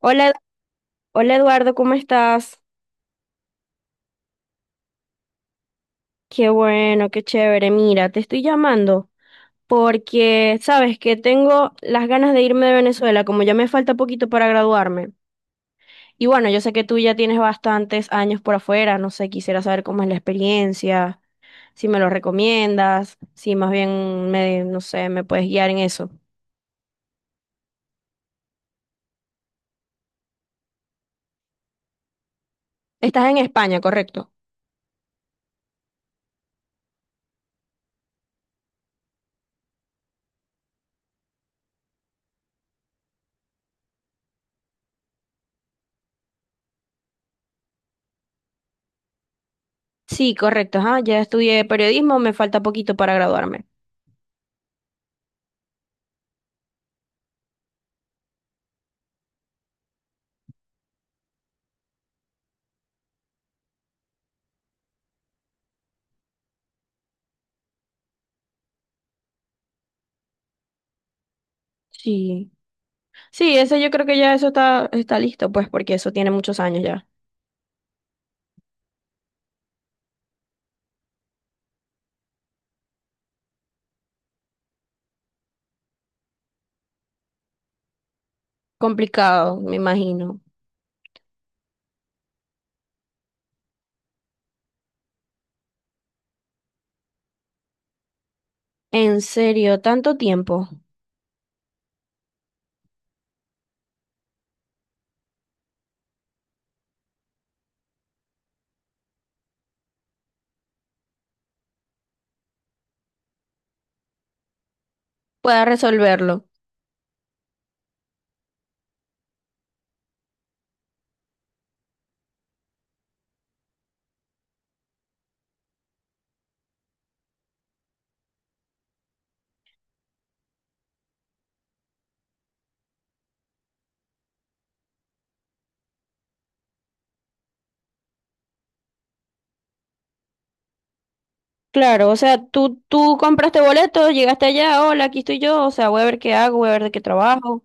Hola, hola Eduardo, ¿cómo estás? Qué bueno, qué chévere. Mira, te estoy llamando porque sabes que tengo las ganas de irme de Venezuela, como ya me falta poquito para graduarme. Y bueno, yo sé que tú ya tienes bastantes años por afuera, no sé, quisiera saber cómo es la experiencia, si me lo recomiendas, si más bien me, no sé, me puedes guiar en eso. ¿Estás en España, correcto? Sí, correcto, ajá, ya estudié periodismo, me falta poquito para graduarme. Sí. Sí, ese yo creo que ya eso está, está listo, pues, porque eso tiene muchos años ya. Complicado, me imagino. En serio, tanto tiempo. Pueda resolverlo. Claro, o sea, tú compraste boleto, llegaste allá, hola, aquí estoy yo, o sea, voy a ver qué hago, voy a ver de qué trabajo.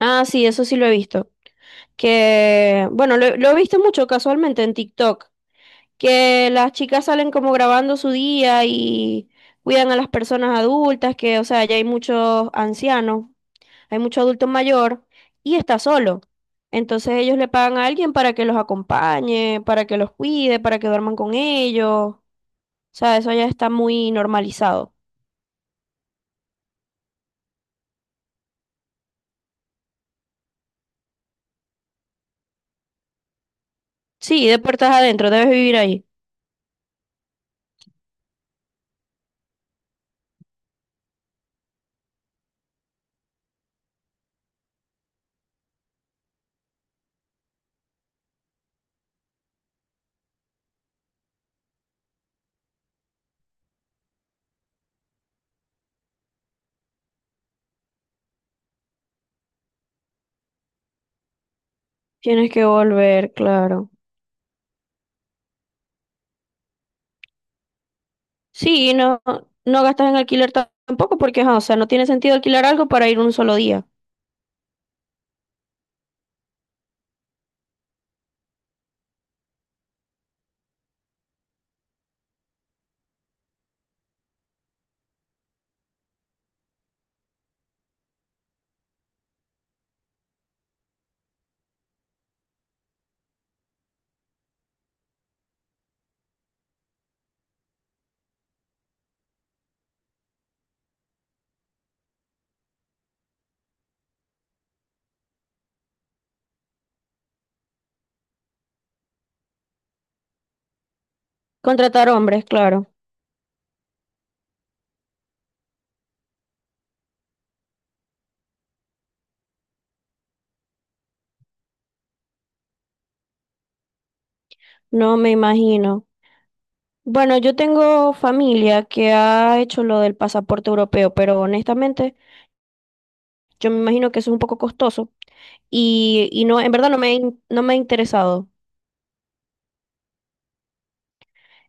Ah, sí, eso sí lo he visto. Que, bueno, lo he visto mucho casualmente en TikTok, que las chicas salen como grabando su día y cuidan a las personas adultas, que, o sea, ya hay muchos ancianos, hay mucho adulto mayor y está solo. Entonces ellos le pagan a alguien para que los acompañe, para que los cuide, para que duerman con ellos. O sea, eso ya está muy normalizado. Sí, de puertas adentro, debes vivir ahí. Tienes que volver, claro. Sí, no, no gastas en alquiler tampoco porque, ajá, o sea, no tiene sentido alquilar algo para ir un solo día. Contratar hombres, claro. No me imagino. Bueno, yo tengo familia que ha hecho lo del pasaporte europeo, pero honestamente yo me imagino que eso es un poco costoso y no, en verdad no me, no me ha interesado.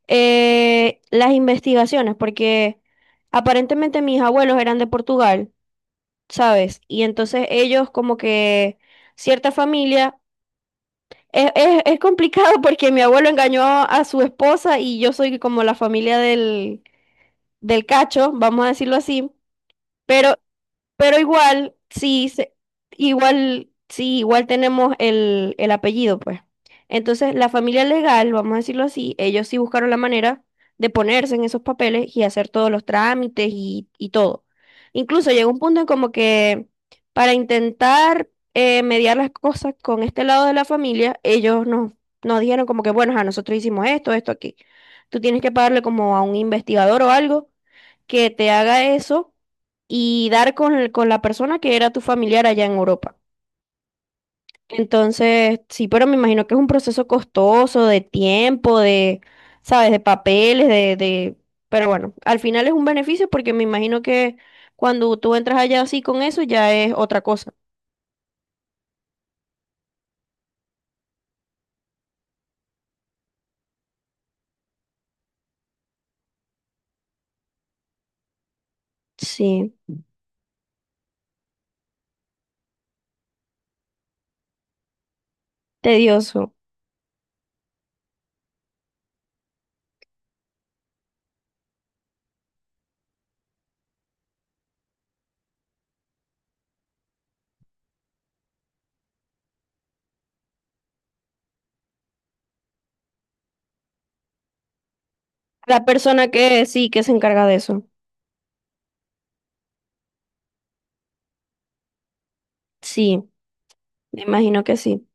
Las investigaciones, porque aparentemente mis abuelos eran de Portugal, ¿sabes? Y entonces ellos como que cierta familia... Es complicado porque mi abuelo engañó a su esposa y yo soy como la familia del, del cacho, vamos a decirlo así, pero Pero igual, sí, igual, sí, igual tenemos el apellido, pues. Entonces, la familia legal, vamos a decirlo así, ellos sí buscaron la manera de ponerse en esos papeles y hacer todos los trámites y todo. Incluso llegó un punto en como que para intentar mediar las cosas con este lado de la familia, ellos nos, nos dijeron como que, bueno, a nosotros hicimos esto, esto aquí. Tú tienes que pagarle como a un investigador o algo que te haga eso y dar con la persona que era tu familiar allá en Europa. Entonces, sí, pero me imagino que es un proceso costoso de tiempo, de, ¿sabes? De papeles, de... Pero bueno, al final es un beneficio porque me imagino que cuando tú entras allá así con eso ya es otra cosa. Sí, tedioso. La persona que sí, que se encarga de eso. Sí, me imagino que sí.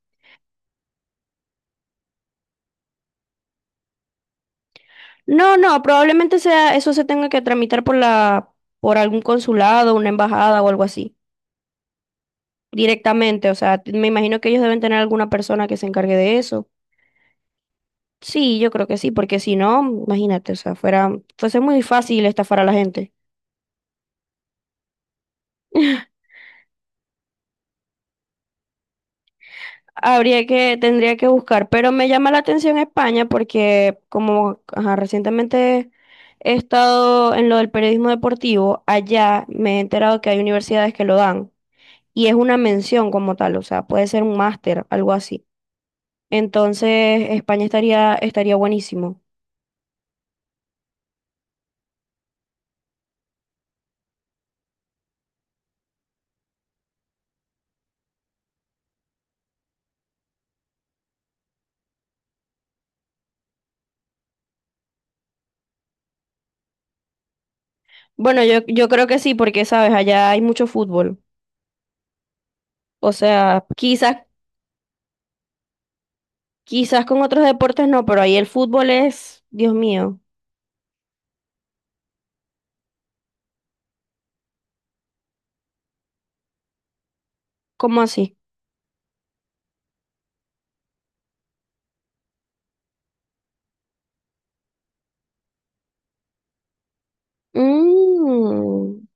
No, no, probablemente sea eso se tenga que tramitar por la, por algún consulado, una embajada o algo así. Directamente, o sea, me imagino que ellos deben tener alguna persona que se encargue de eso. Sí, yo creo que sí, porque si no, imagínate, o sea, fuera, fuese muy fácil estafar a la gente. Habría que, tendría que buscar, pero me llama la atención España porque como ajá, recientemente he estado en lo del periodismo deportivo, allá me he enterado que hay universidades que lo dan y es una mención como tal, o sea, puede ser un máster, algo así. Entonces, España estaría, estaría buenísimo. Bueno, yo creo que sí, porque sabes, allá hay mucho fútbol. O sea, quizás con otros deportes no, pero ahí el fútbol es, Dios mío, ¿cómo así? Mm,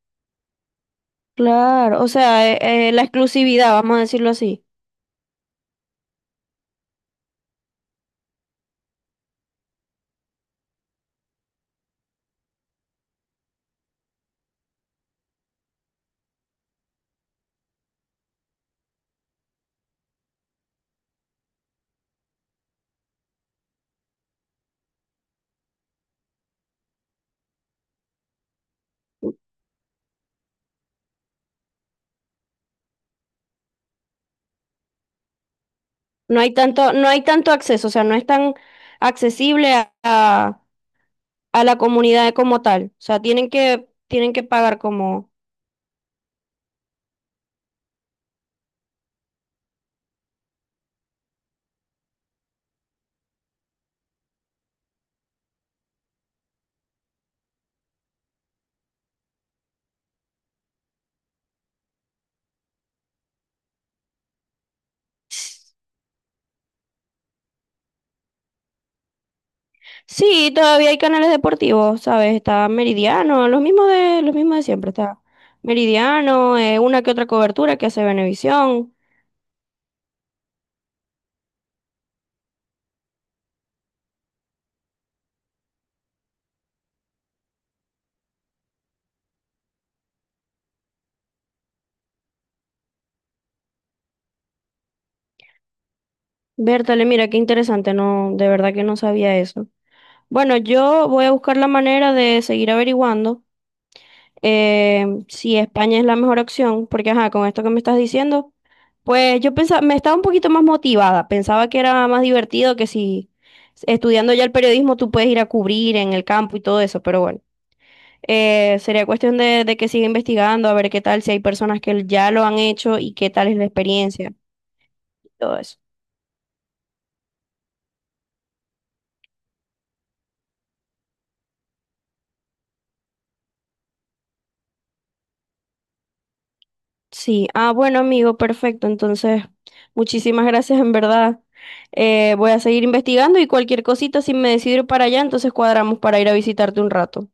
claro, o sea, la exclusividad, vamos a decirlo así. No hay tanto, no hay tanto acceso, o sea, no es tan accesible a, a la comunidad como tal. O sea, tienen que pagar como sí, todavía hay canales deportivos, ¿sabes? Está Meridiano, los mismos de siempre. Está Meridiano, una que otra cobertura que hace Venevisión. Bertale, mira, qué interesante, no, de verdad que no sabía eso. Bueno, yo voy a buscar la manera de seguir averiguando, si España es la mejor opción, porque ajá, con esto que me estás diciendo, pues yo pensaba, me estaba un poquito más motivada, pensaba que era más divertido que si estudiando ya el periodismo tú puedes ir a cubrir en el campo y todo eso, pero bueno. Sería cuestión de que siga investigando, a ver qué tal, si hay personas que ya lo han hecho y qué tal es la experiencia y todo eso. Sí, ah, bueno, amigo, perfecto. Entonces, muchísimas gracias, en verdad. Voy a seguir investigando y cualquier cosita, si me decido ir para allá, entonces cuadramos para ir a visitarte un rato.